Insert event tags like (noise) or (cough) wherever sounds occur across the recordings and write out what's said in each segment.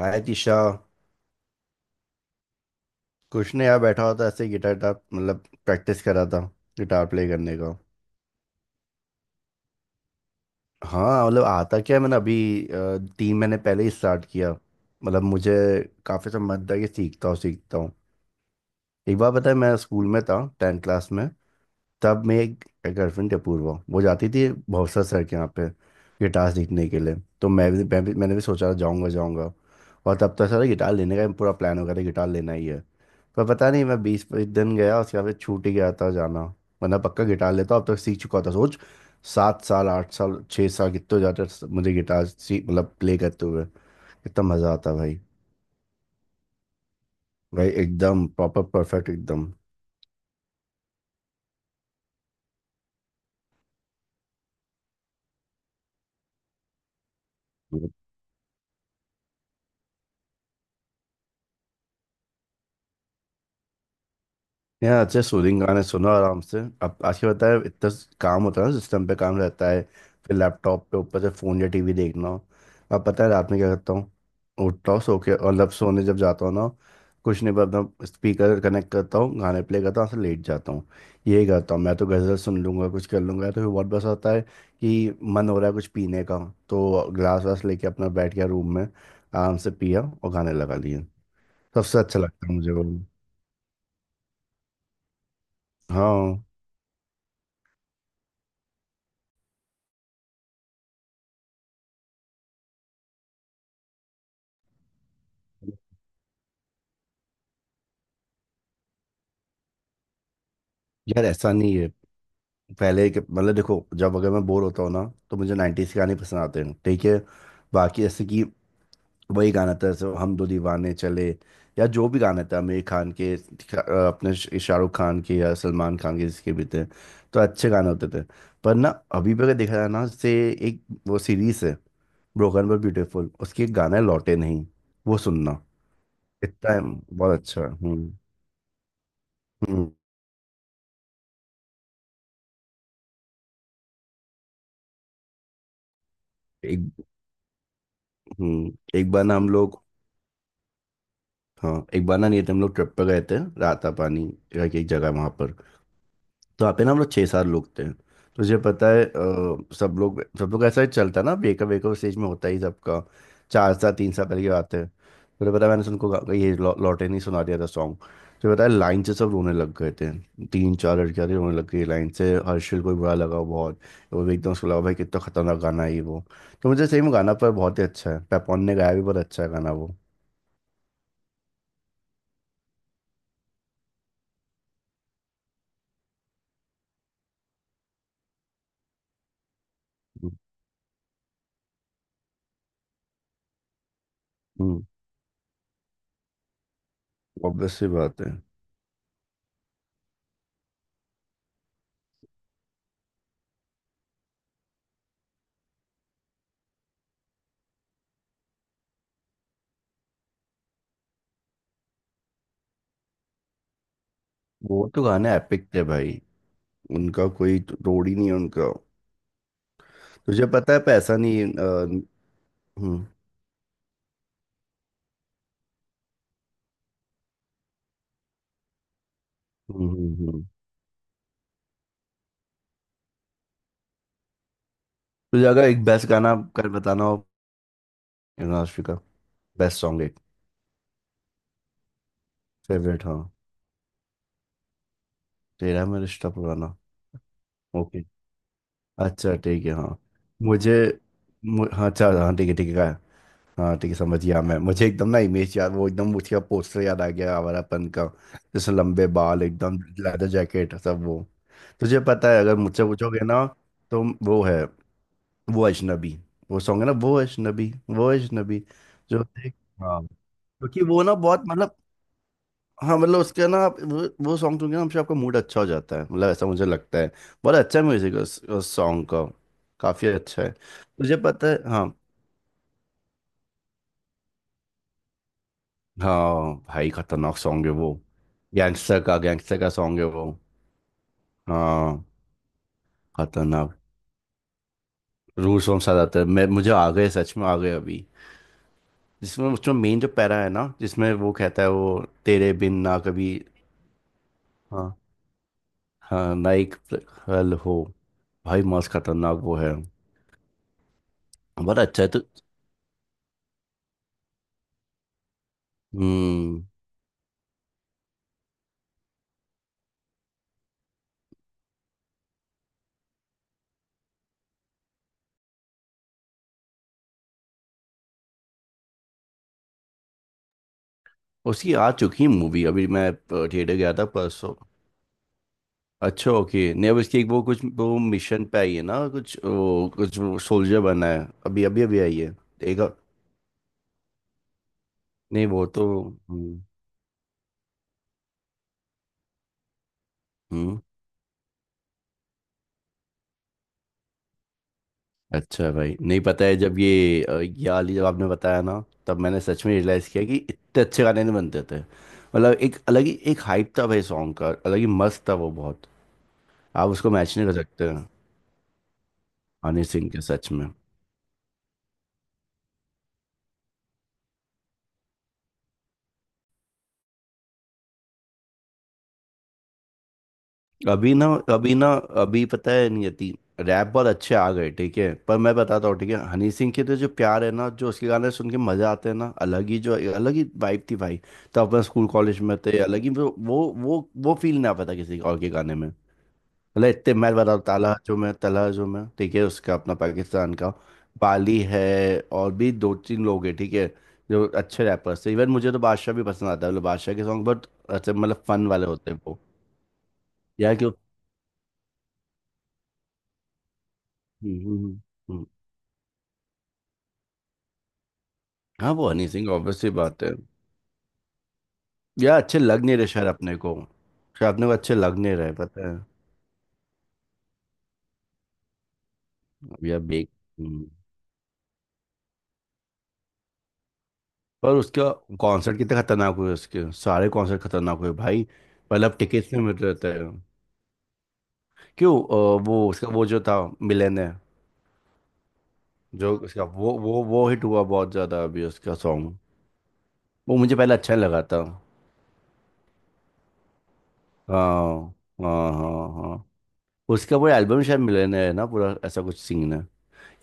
हाय दिशा। कुछ नहीं यार, बैठा होता ऐसे गिटार टाप मतलब प्रैक्टिस कर रहा था गिटार प्ले करने का। हाँ, मतलब आता क्या है, मैंने अभी 3 महीने पहले ही स्टार्ट किया। मतलब मुझे काफ़ी समय था कि सीखता हूँ सीखता हूँ। एक बार पता है मैं स्कूल में था, टेंथ क्लास में, तब मेरी एक गर्लफ्रेंड थी अपूर्वा, वो जाती थी भौसा सर के यहाँ पे गिटार सीखने के लिए। तो मैं भी मैंने भी सोचा जाऊँगा जाऊँगा। और तब तक सारा गिटार लेने का पूरा प्लान हो गया था, गिटार लेना ही है। पर पता नहीं, मैं 20-25 दिन गया, उसके बाद फिर छूट ही गया था जाना। वरना पक्का गिटार लेता, अब तक सीख चुका था, सोच 7 साल 8 साल 6 साल कितने जाते मुझे गिटार सीख मतलब प्ले करते हुए, कितना मज़ा आता भाई। भाई एकदम प्रॉपर परफेक्ट एकदम। यार अच्छे सूदिंग गाने सुनो आराम से। अब आज के पता है इतना काम होता है ना, सिस्टम पे काम रहता है, फिर लैपटॉप पे, ऊपर से फ़ोन या टीवी देखना हो। अब पता है रात में क्या करता हूँ, उठता हूँ सो के, और लब सोने जब जाता हूँ ना, कुछ नहीं पर अपना स्पीकर कनेक्ट करता हूँ, गाने प्ले करता हूँ से लेट जाता हूँ। यही करता हूँ मैं तो, गज़ल सुन लूँगा कुछ कर लूँगा, तो फिर बहुत बस होता है कि मन हो रहा है कुछ पीने का। तो ग्लास वास लेके अपना बैठ गया रूम में, आराम से पिया और गाने लगा लिए। सबसे अच्छा लगता है मुझे वो। हाँ यार ऐसा नहीं है, पहले के मतलब, देखो जब अगर मैं बोर होता हूँ ना, तो मुझे 90s के गाने पसंद आते हैं, ठीक है। बाकी जैसे कि वही गाना था, जैसे हम दो दीवाने चले, या जो भी गाना था आमिर खान के अपने शाहरुख खान के या सलमान खान के, जिसके भी थे, तो अच्छे गाने होते थे। पर ना, अभी भी अगर देखा जाए ना से, एक वो सीरीज है ब्रोकन बट ब्यूटीफुल, उसके एक गाना है लौटे नहीं, वो सुनना इतना बहुत अच्छा है। हम्म। हम्म एक हम्म। एक बार ना हम लोग, हाँ एक बार ना नहीं थे हम लोग, ट्रिप पे गए थे राता पानी करके एक जगह है वहाँ पर। तो वहाँ पे ना हम लोग छः सात लोग थे। तुझे पता है सब लोग ऐसा ही चलता है ना, वेकअप वेकअप स्टेज में होता ही सबका। 4 साल 3 साल पहले की बात है, तुझे पता है, मैंने उनको ये लौटे नहीं सुना दिया था सॉन्ग। तुझे पता है लाइन से सब रोने लग गए थे, तीन चार लड़कियाँ थी रोने लग गई लाइन से, हर्षिल को भी बुरा लगा बहुत। वो भी एकदम, उसको लगा भाई कितना खतरनाक गाना है ये वो। तो मुझे सही में गाना पर बहुत ही अच्छा है, पैपॉन ने गाया भी बहुत अच्छा है गाना वो। हम्म। ऑब्वियस सी बात है। वो तो गाने एपिक थे भाई, उनका कोई रोड ही नहीं है उनका। तुझे पता है पैसा नहीं हम्म। हम्म। हम्म, हम्म। तुझे अगर एक बेस्ट गाना कर बताना हो, इंडस्ट्री का बेस्ट सॉन्ग एक। फेवरेट हाँ, तेरा मेरा रिश्ता पुराना। ओके। अच्छा ठीक है हाँ। मुझे, हाँ अच्छा हाँ ठीक है ठीक है, गाया। हाँ ठीक है समझ गया मैं, मुझे एकदम ना इमेज याद, वो एकदम उसका पोस्टर याद आ गया आवारापन का, जैसे लंबे बाल एकदम लेदर जैकेट सब वो। तुझे पता है अगर मुझसे पूछोगे ना, तो वो है वो अजनबी, वो सॉन्ग है ना वो अजनबी, वो अजनबी। जो देख, हाँ क्योंकि वो ना बहुत मतलब, हाँ मतलब उसका ना, आप वो सॉन्ग सुन के ना, हमसे आपका मूड अच्छा हो जाता है, मतलब ऐसा मुझे लगता है। बहुत अच्छा म्यूजिक उस सॉन्ग का, काफी अच्छा है। तुझे पता है। हाँ। हाँ भाई खतरनाक सॉन्ग है वो। गैंगस्टर का, गैंगस्टर का सॉन्ग है वो। हाँ। खतरनाक। रूल सॉन्ग साथ आता है मैं, मुझे आ गए सच में आ गए अभी, जिसमें उसमें मेन जो पैरा है ना, जिसमें वो कहता है वो तेरे बिन ना कभी। हाँ, हाँ ना एक पल हो। भाई मस्त खतरनाक वो है, बड़ा अच्छा है तो। हम्म। उसकी आ चुकी मूवी, अभी मैं थिएटर गया था परसों। अच्छा ओके, नहीं अब इसकी एक वो कुछ वो मिशन पे आई है ना, कुछ वो कुछ सोल्जर बना है, अभी अभी अभी आई है एक। नहीं वो तो। हम्म। हम्म, अच्छा भाई, नहीं पता है जब ये ये वाली जब आपने बताया ना, तब मैंने सच में रियलाइज किया कि इतने अच्छे गाने नहीं बनते थे, मतलब एक अलग ही एक हाइप था भाई सॉन्ग का, अलग ही मस्त था वो बहुत। आप उसको मैच नहीं कर सकते हनी सिंह के, सच में। अभी ना, अभी ना, अभी पता है नियति रैप बहुत अच्छे आ गए ठीक है, पर मैं बताता हूँ, ठीक है हनी सिंह के तो जो प्यार है ना, जो उसके गाने सुन के मजा आते हैं ना, अलग ही, जो अलग ही वाइब थी भाई। तो अपन स्कूल कॉलेज में थे अलग ही वो, वो फील नहीं आ पाता किसी और के गाने में। मतलब इतने मैं बताता हूँ, ताला जो मैं, तला जो मैं, ठीक है उसका अपना पाकिस्तान का बाली है, और भी दो तीन लोग हैं ठीक है, जो अच्छे रैपर्स थे। इवन मुझे तो बादशाह भी पसंद आता है, मतलब बादशाह के सॉन्ग बहुत अच्छे, मतलब फन वाले होते हैं वो। यार कि, हम्म। हम्म। हाँ वो हनी सिंह ऑब्वियसली बात है। यार अच्छे लग नहीं रहे शायद अपने को, शायद अपने को अच्छे लग नहीं रहे, पता है। अब यार बेक। हम्म। पर उसका कॉन्सर्ट कितने खतरनाक हुए, उसके सारे कॉन्सर्ट खतरनाक हुए भाई। पहले अब टिकट्स नहीं मिल रहे थे। क्यों वो उसका वो जो था मिलन है। जो उसका वो वो हिट हुआ बहुत ज़्यादा अभी उसका सॉन्ग। वो मुझे पहले अच्छा नहीं लगा था। हाँ हाँ हाँ। हाँ उसका पूरा एल्बम शायद मिलन है ना, पूरा ऐसा कुछ सीन है।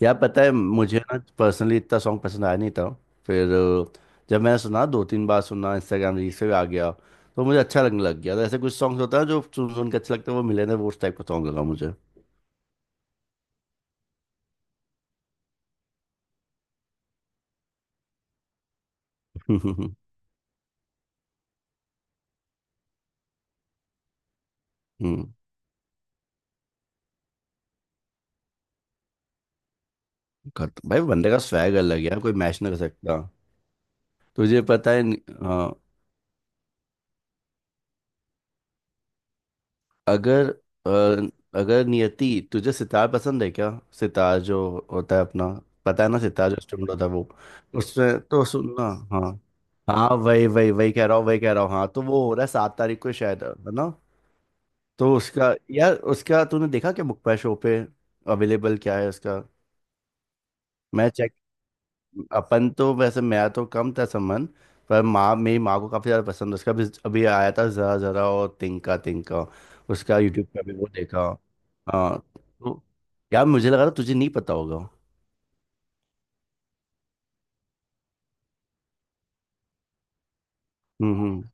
यार पता है मुझे ना, पर्सनली इतना सॉन्ग पसंद आया नहीं था। फिर जब मैंने सुना, 2-3 बार सुना, इंस्टाग्राम रील से भी आ गया, तो मुझे अच्छा लगने लग गया। तो ऐसे कुछ सॉन्ग्स होता है जो सुन सुन के अच्छा लगता है, वो मिले ना वो उस टाइप का सॉन्ग लगा मुझे (laughs) हम्म। खत- भाई बंदे का स्वैग अलग है यार, कोई मैच ना कर सकता। तुझे पता है। हाँ। अगर अ, अगर नियति तुझे सितार पसंद है क्या, सितार जो होता है अपना, पता है ना सितार जो इंस्ट्रूमेंट होता है वो, उसमें तो सुनना। हाँ। हाँ वही वही वही कह रहा हूँ, वही कह रहा हूँ, हाँ तो वो हो रहा है 7 तारीख को, शायद है ना। तो उसका यार, उसका तूने देखा क्या बुक पे शो पे, अवेलेबल क्या है उसका। मैं चेक, अपन तो वैसे मेरा तो कम था संबंध, पर माँ, मेरी माँ को काफ़ी ज़्यादा पसंद है उसका भी, अभी आया था ज़रा ज़रा और तिनका तिनका, उसका यूट्यूब पे भी वो देखा। हाँ तो यार मुझे लगा था तुझे नहीं पता होगा। हम्म। हम्म।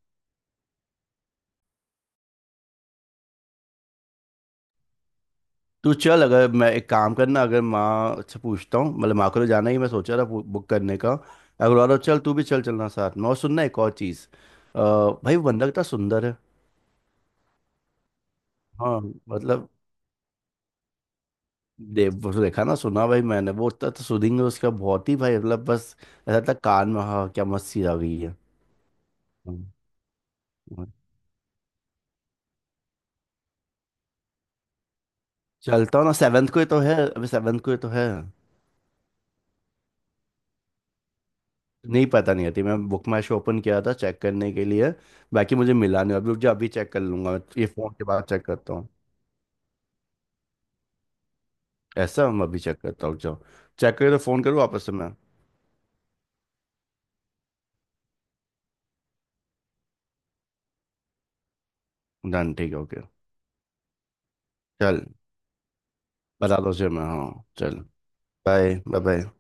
तू चल, अगर मैं एक काम करना, अगर माँ से पूछता हूँ, मतलब माँ को तो जाना ही, मैं सोचा था बुक करने का, अगर वाला चल तू भी चल, चलना साथ में। और सुनना एक और चीज़, अ, भाई वो बंदा कितना सुंदर है। हाँ मतलब देव वो तो देखा ना, सुना भाई मैंने वो, इतना तो सुनेंगे उसका, बहुत ही भाई मतलब बस ऐसा था कान में, हाँ क्या मस्त चीज आ गई है। हम्म। चलता हूँ ना, सेवन्थ को ही तो है, अभी सेवन्थ को ही तो है। नहीं पता, नहीं आती, मैं बुक माई शो ओपन किया था चेक करने के लिए, बाकी मुझे मिला नहीं, अभी रुक जाओ, अभी चेक कर लूंगा मैं ये फोन के बाद, चेक करता हूँ। ऐसा मैं अभी चेक करता हूँ रुक जाओ, चेक करे तो फोन करूँ वापस से मैं। डन ठीक है ओके चल। बता दो उसे मैं, हाँ चल। Bye bye bye.